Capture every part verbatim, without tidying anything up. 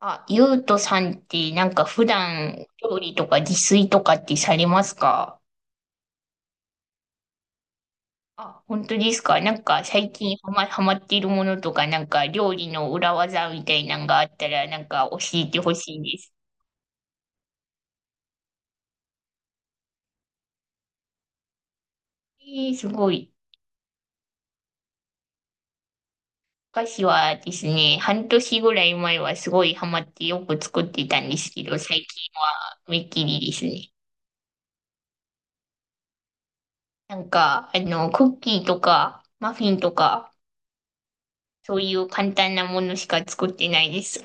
あ、ゆうとさんって、なんか普段、料理とか自炊とかってされますか？あ、本当ですか？なんか最近ハマ、ハマっているものとか、なんか料理の裏技みたいなのがあったら、なんか教えてほしいです。えー、すごい。昔はですね、半年ぐらい前はすごいハマってよく作ってたんですけど、最近はめっきりですね。なんか、あの、クッキーとか、マフィンとか、そういう簡単なものしか作ってないです。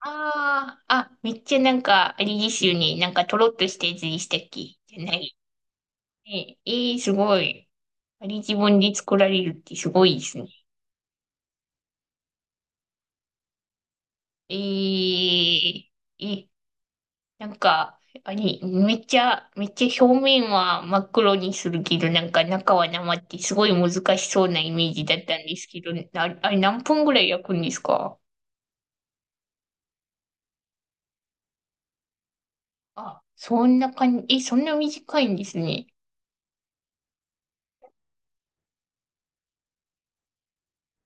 ああ、あ、めっちゃなんか、あれですよね。なんか、とろっとしたやつでしたっけ？じゃない。え、えー、すごい。あれ自分で作られるってすごいですね。えー、え、なんか、あれ、めっちゃ、めっちゃ表面は真っ黒にするけど、なんか中は生ってすごい難しそうなイメージだったんですけど、あ、あれ何分ぐらい焼くんですか？あ、そんな感じ、え、そんな短いんですね。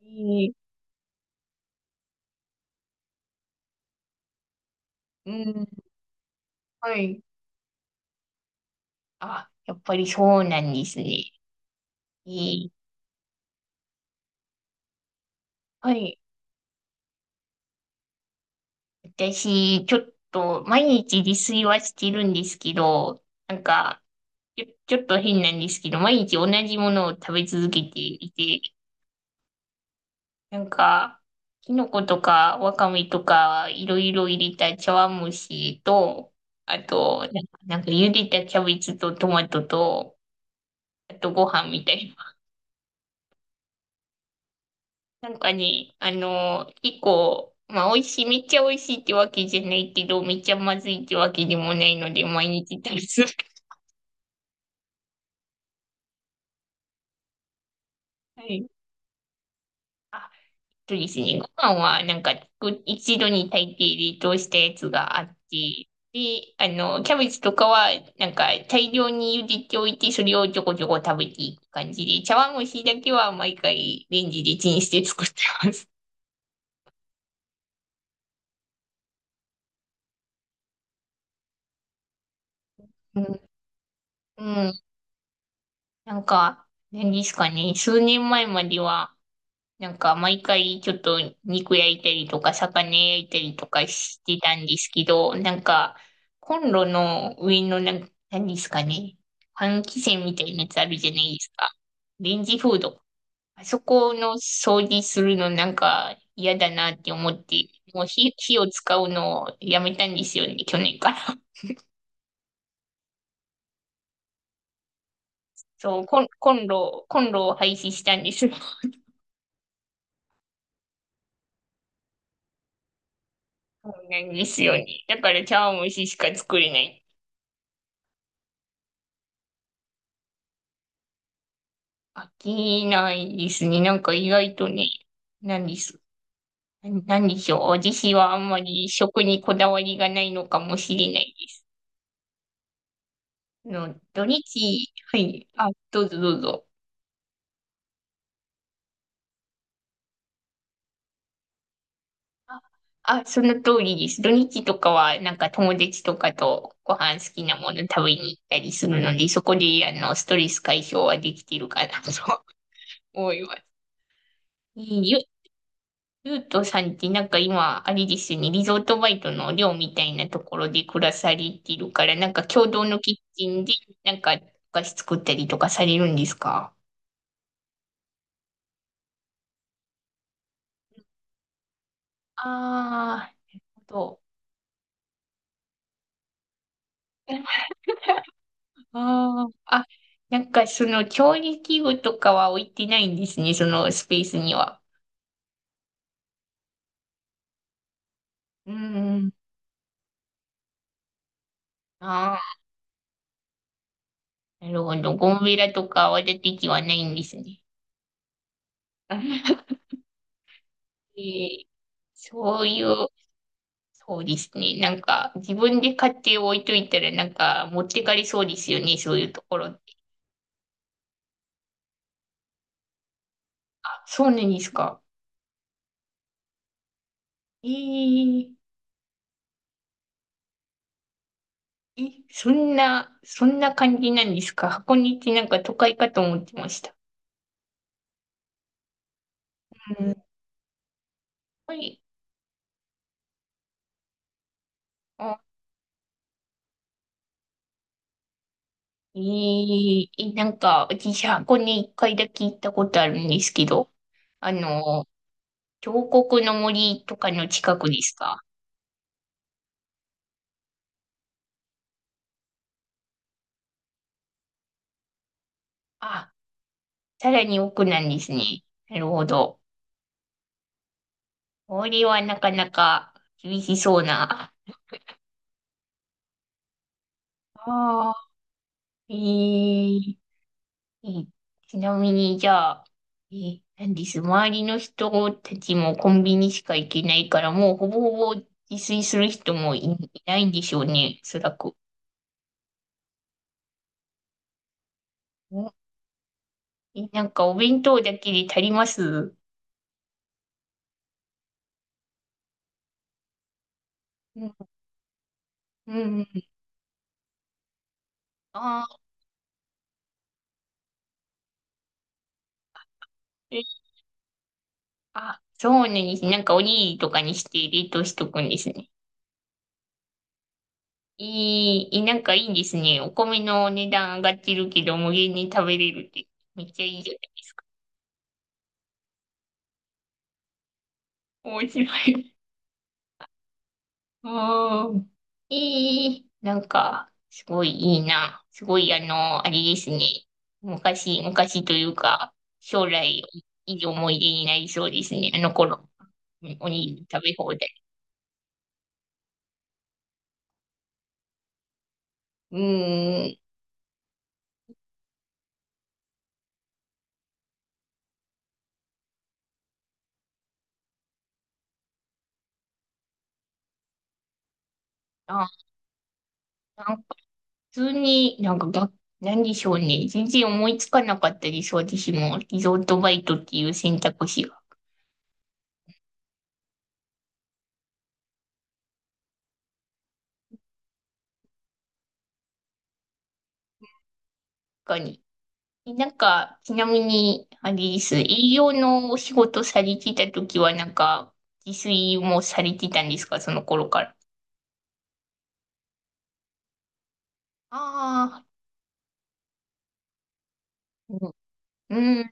えー、うん、はい。あ、やっぱりそうなんですね。えーはい。私、ちょっと、毎日自炊はしてるんですけど、なんか、ちょ、ちょっと変なんですけど、毎日同じものを食べ続けていて、なんか、きのことか、わかめとか、いろいろ入れた茶碗蒸しと、あと、なんか、なんか茹でたキャベツとトマトと、あとご飯みたいな。なんかね、あの、結構、まあ、美味しい、めっちゃ美味しいってわけじゃないけど、めっちゃまずいってわけでもないので、毎日食べてる。はい。あ、そうですね。ご飯は、なんか、作一度に炊いて冷凍したやつがあって、で、あの、キャベツとかは、なんか、大量に茹でておいて、それをちょこちょこ食べていく感じで、茶碗蒸しだけは毎回レンジでチンして作ってます。うん。うん。なんか、何ですかね、数年前までは、なんか毎回ちょっと肉焼いたりとか魚焼いたりとかしてたんですけど、なんかコンロの上のなん何ですかね、換気扇みたいなやつあるじゃないですか。レンジフード。あそこの掃除するのなんか嫌だなって思って、もう火、火を使うのをやめたんですよね、去年から。そう、コン、コンロ、コンロを廃止したんです。そうなんですよね。だから茶碗蒸ししか作れない。飽きないですね。なんか意外とね、何です。何でしょう。私はあんまり食にこだわりがないのかもしれないです。あの、土日、はい。あ、どうぞどうぞ。あ、あ、その通りです。土日とかは、なんか友達とかとご飯好きなもの食べに行ったりするので、そこで、あの、ストレス解消はできてるかなと思います。えーゆゆうとさんってなんか今、あれですよね、リゾートバイトの寮みたいなところで暮らされてるから、なんか共同のキッチンで、なんかお菓子作ったりとかされるんですか？ああー、なるほど。あーあ、なんかその調理器具とかは置いてないんですね、そのスペースには。うん。ああ、なるほど。ゴムベラとか泡立て器はないんですね。えーそういうそうですね。なんか、自分で買って置いといたら、なんか、持ってかれそうですよね、そういうところって。あ、そうなんですか。えー、え、そんな、そんな感じなんですか？箱根ってなんか都会かと思ってました。うん。はい。あ、えー、え、なんか、私、箱根一回だけ行ったことあるんですけど、あの、彫刻の森とかの近くですか？あ、さらに奥なんですね。なるほど。氷はなかなか厳しそうな。ああ、えー、えーちなみに、じゃあ、えー、なんです。周りの人たちもコンビニしか行けないから、もうほぼほぼ自炊する人もい、いないんでしょうね、おそらく。おえなんかお弁当だけで足ります？うんうんうん。あーえあ、そうなんです。なんかおにぎりとかにして冷凍しとくんですね。いい、いなんかいいですね。お米の値段上がってるけど、無限に食べれるって、めっちゃいいじゃないですか。面白い。うん。いい、なんか、すごいいいな。すごい、あの、あれですね。昔、昔というか、将来、いい思い出になりそうですね。あの頃、おにぎり食べ放題。うん。あ、なん普通になんかが、何でしょうね。全然思いつかなかったです。私も。リゾートバイトっていう選択肢が。他に。えなんか、ちなみに、あれです。営業のお仕事されてた時は、なんか、自炊もされてたんですか？その頃から。ああ、うん。うん、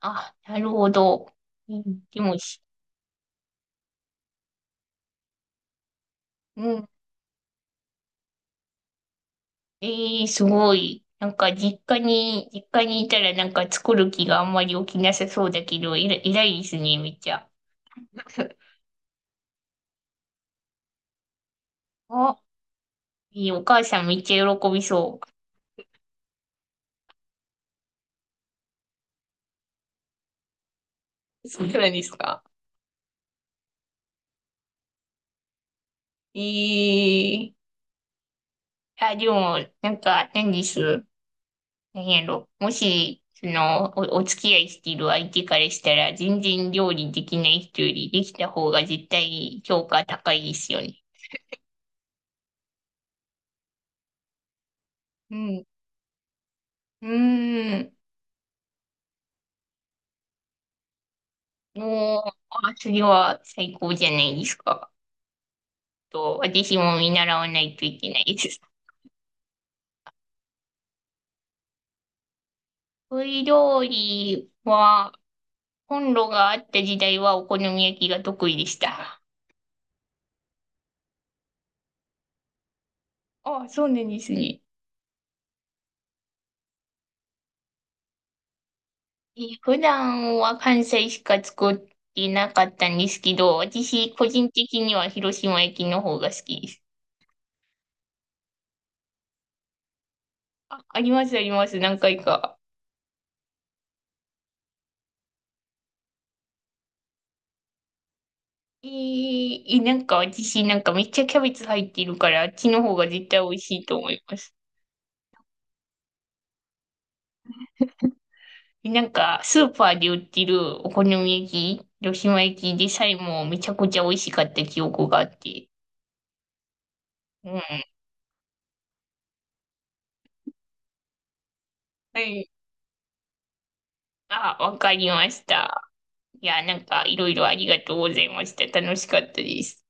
あ、なるほど。うん、でもし、うん。ええ、すごい。なんか、実家に、実家にいたら、なんか作る気があんまり起きなさそうだけど、えら、偉いですね、めっちゃ。あ、いい、お母さんめっちゃ喜びそう。そうなんですか？ええ、あ、でも、なんか、何です。何やろ。もし、その、お、お付き合いしている相手からしたら、全然料理できない人よりできた方が絶対評価高いですよね。うん。うーん。もう、あ、それは最高じゃないですか。と、私も見習わないといけないです。得意料理は、コンロがあった時代はお好み焼きが得意でした。あ、そうなんですね。えー普段は関西しか作ってなかったんですけど、私個人的には広島焼きの方が好きです。あ、ありますあります、何回か。えー、えなんか私なんかめっちゃキャベツ入ってるから、あっちの方が絶対美味しいと思います。えなんかスーパーで売ってるお好み焼き、広島焼きでさえもめちゃくちゃ美味しかった記憶があって。うん。はい、あ、わかりました。いや、なんかいろいろありがとうございました。楽しかったです。